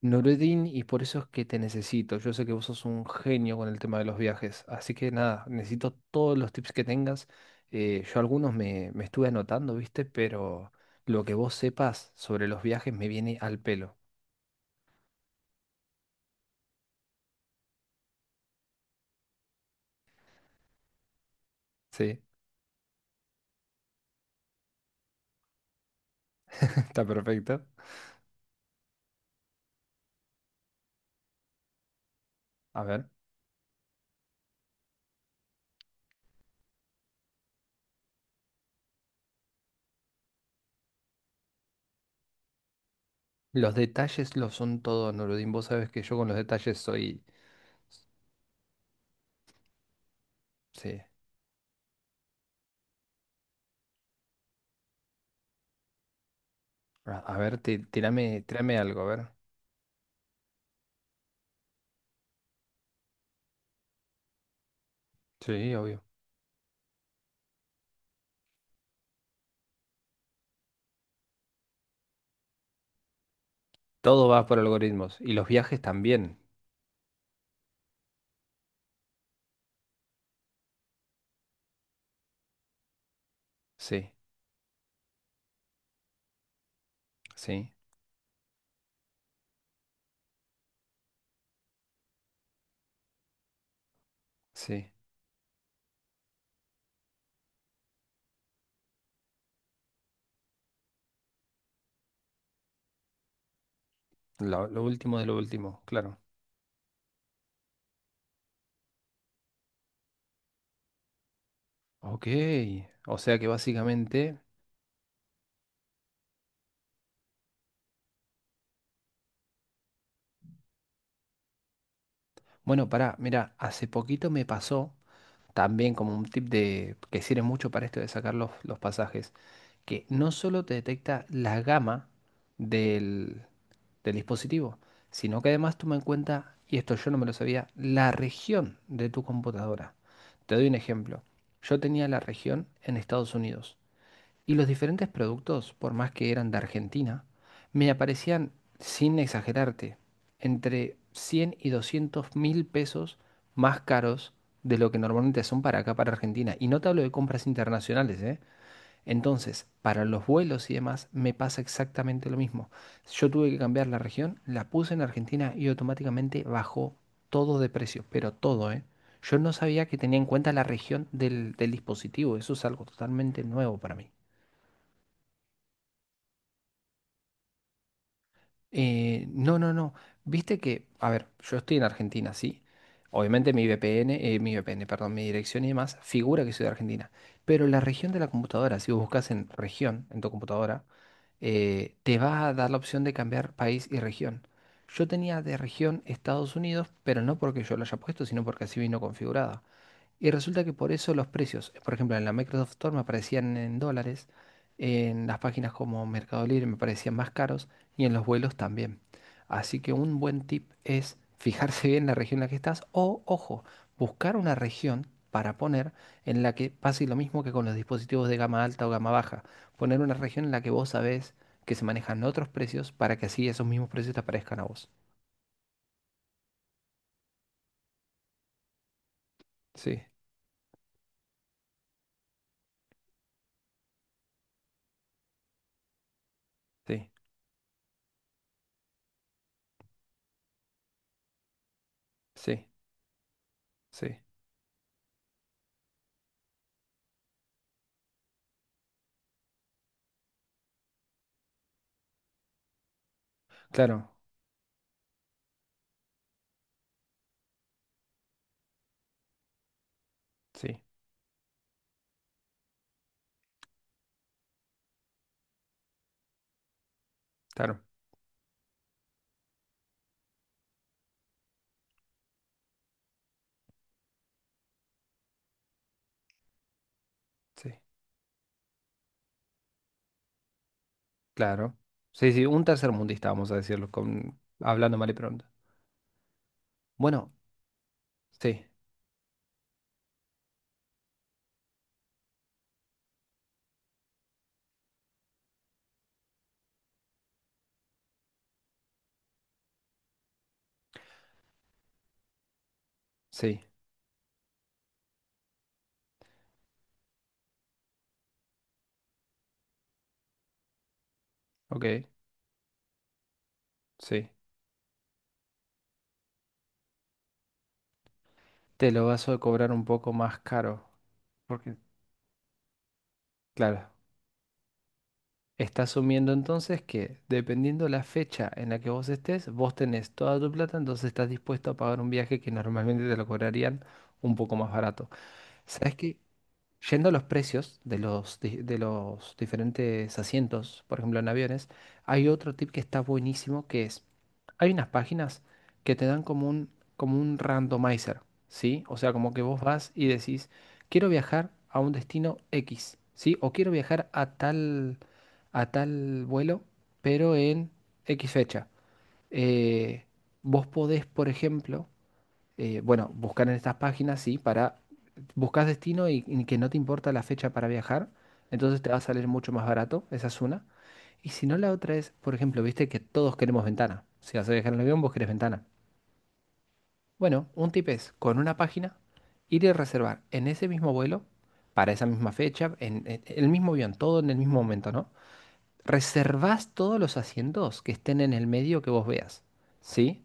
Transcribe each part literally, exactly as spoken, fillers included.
Nureddin, y por eso es que te necesito. Yo sé que vos sos un genio con el tema de los viajes, así que nada, necesito todos los tips que tengas. Eh, yo algunos me, me estuve anotando, ¿viste? Pero lo que vos sepas sobre los viajes me viene al pelo. Sí, está perfecto. A ver, los detalles lo son todo, Nureddin. Vos sabés que yo con los detalles soy... Sí. A a ver, ti- tirame, tirame algo, a ver. Sí, obvio. Todo va por algoritmos. Y los viajes también. Sí, sí, sí. Lo, lo último de lo último, claro. Ok, o sea que básicamente, bueno, pará, mira, hace poquito me pasó también como un tip de que sirve mucho para esto de sacar los, los pasajes, que no solo te detecta la gama del, del dispositivo, sino que además toma en cuenta, y esto yo no me lo sabía, la región de tu computadora. Te doy un ejemplo. Yo tenía la región en Estados Unidos. Y los diferentes productos, por más que eran de Argentina, me aparecían, sin exagerarte, entre cien y doscientos mil pesos más caros de lo que normalmente son para acá, para Argentina. Y no te hablo de compras internacionales, ¿eh? Entonces, para los vuelos y demás, me pasa exactamente lo mismo. Yo tuve que cambiar la región, la puse en Argentina y automáticamente bajó todo de precio, pero todo, ¿eh? Yo no sabía que tenía en cuenta la región del, del dispositivo. Eso es algo totalmente nuevo para mí. Eh, no, no, no. Viste que, a ver, yo estoy en Argentina, sí. Obviamente mi V P N, eh, mi V P N, perdón, mi dirección y demás figura que soy de Argentina. Pero la región de la computadora, si vos buscas en región, en tu computadora, eh, te va a dar la opción de cambiar país y región. Yo tenía de región Estados Unidos, pero no porque yo lo haya puesto, sino porque así vino configurada. Y resulta que por eso los precios, por ejemplo, en la Microsoft Store me aparecían en dólares, en las páginas como Mercado Libre me parecían más caros y en los vuelos también. Así que un buen tip es fijarse bien la región en la que estás o, ojo, buscar una región para poner en la que pase lo mismo que con los dispositivos de gama alta o gama baja. Poner una región en la que vos sabés que se manejan otros precios para que así esos mismos precios te aparezcan a vos. Sí, sí, sí, sí. Claro, sí, claro, sí. Claro. Sí, sí, un tercermundista, vamos a decirlo, con, hablando mal y pronto. Bueno, sí, sí, ok, sí. Te lo vas a cobrar un poco más caro, porque, claro, está asumiendo entonces que dependiendo la fecha en la que vos estés, vos tenés toda tu plata, entonces estás dispuesto a pagar un viaje que normalmente te lo cobrarían un poco más barato. ¿Sabes qué? Yendo a los precios de los, di- de los diferentes asientos, por ejemplo en aviones, hay otro tip que está buenísimo que es, hay unas páginas que te dan como un, como un randomizer, ¿sí? O sea, como que vos vas y decís, quiero viajar a un destino X, ¿sí? O quiero viajar a tal, a tal, vuelo, pero en X fecha. Eh, Vos podés, por ejemplo, eh, bueno, buscar en estas páginas, sí, para buscas destino y, y que no te importa la fecha para viajar, entonces te va a salir mucho más barato, esa es una. Y si no, la otra es, por ejemplo, viste que todos queremos ventana. Si vas a viajar en el avión, vos querés ventana. Bueno, un tip es, con una página, ir y reservar en ese mismo vuelo, para esa misma fecha, en, en el mismo avión, todo en el mismo momento, ¿no? Reservás todos los asientos que estén en el medio que vos veas, ¿sí?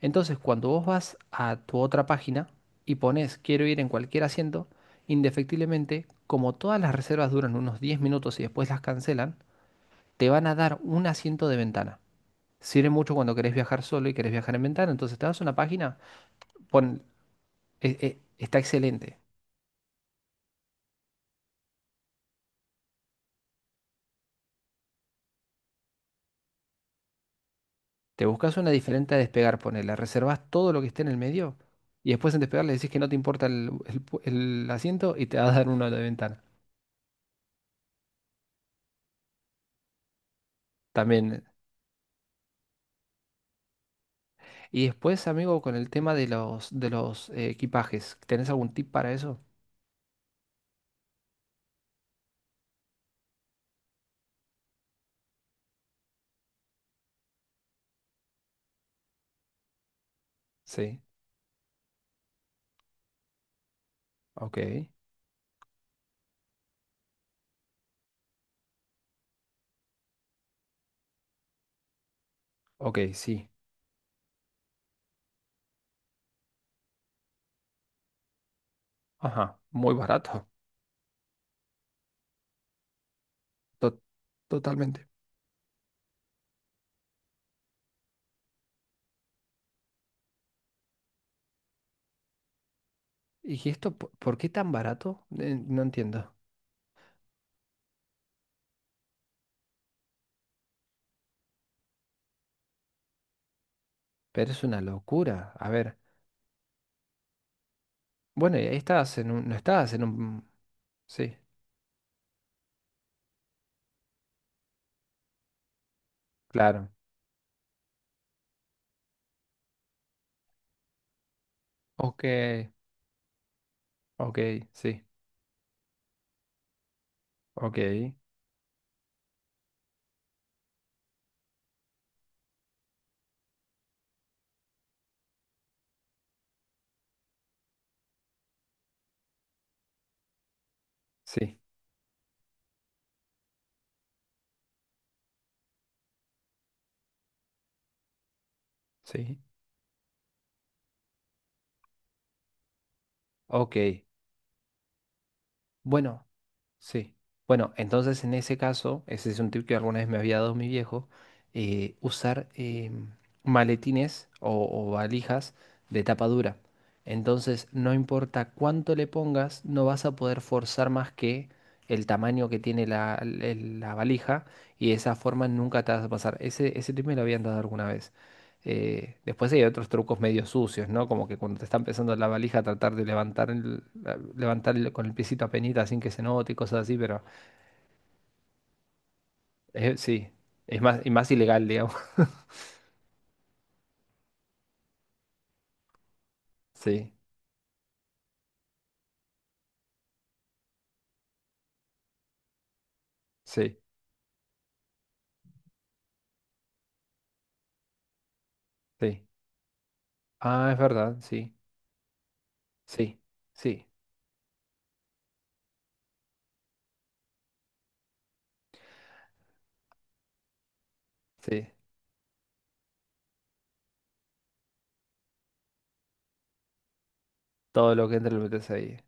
Entonces, cuando vos vas a tu otra página y pones quiero ir en cualquier asiento, indefectiblemente, como todas las reservas duran unos diez minutos y después las cancelan, te van a dar un asiento de ventana. Sirve mucho cuando querés viajar solo y querés viajar en ventana. Entonces, te vas a una página, pon, e- e- está excelente. Te buscas una diferente a despegar, ponela. Reservas todo lo que esté en el medio y después en despegar le decís que no te importa el, el pu- el asiento y te va a dar uno de ventana. También. Y después, amigo, con el tema de los, de los eh, equipajes, ¿tenés algún tip para eso? Sí. Ok. Ok, sí. Ajá. Muy barato. To- totalmente. ¿Y esto po- por qué tan barato? Eh, no entiendo. Pero es una locura. A ver. Bueno, y ahí estás en un. No estás en un. Sí. Claro. Ok. Ok, sí, ok, sí, sí, ok. Bueno, sí. Bueno, entonces en ese caso, ese es un tip que alguna vez me había dado mi viejo, eh, usar em, maletines o, o valijas de tapa dura. Entonces, no importa cuánto le pongas, no vas a poder forzar más que el tamaño que tiene la, el- la valija y de esa forma nunca te vas a pasar. Ese, ese tip me lo habían dado alguna vez. Eh, después hay otros trucos medio sucios, ¿no? Como que cuando te está empezando la valija, tratar de levantar, el- la- levantar el- con el piecito a penita sin que se note y cosas así, pero eh, sí, es más, y más ilegal, digamos. Sí, sí, sí. Ah, es verdad, sí, sí, sí, sí. Todo lo que entra lo metes ahí.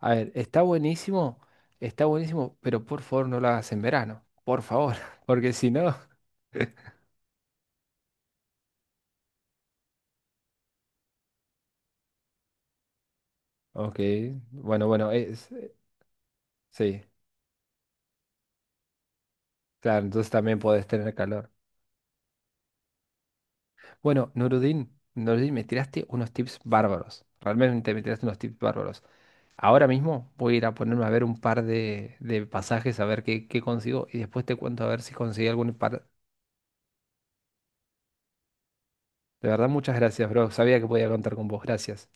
A ver, está buenísimo, está buenísimo, pero por favor no lo hagas en verano, por favor, porque si no. Ok, bueno, bueno, es, sí, claro, entonces también podés tener calor. Bueno, Nuruddin, Nuruddin, me tiraste unos tips bárbaros. Realmente me tiraste unos tips bárbaros. Ahora mismo voy a ir a ponerme a ver un par de, de pasajes, a ver qué, qué consigo y después te cuento a ver si conseguí algún par. De verdad, muchas gracias, bro. Sabía que podía contar con vos. Gracias.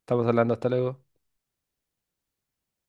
Estamos hablando, hasta luego.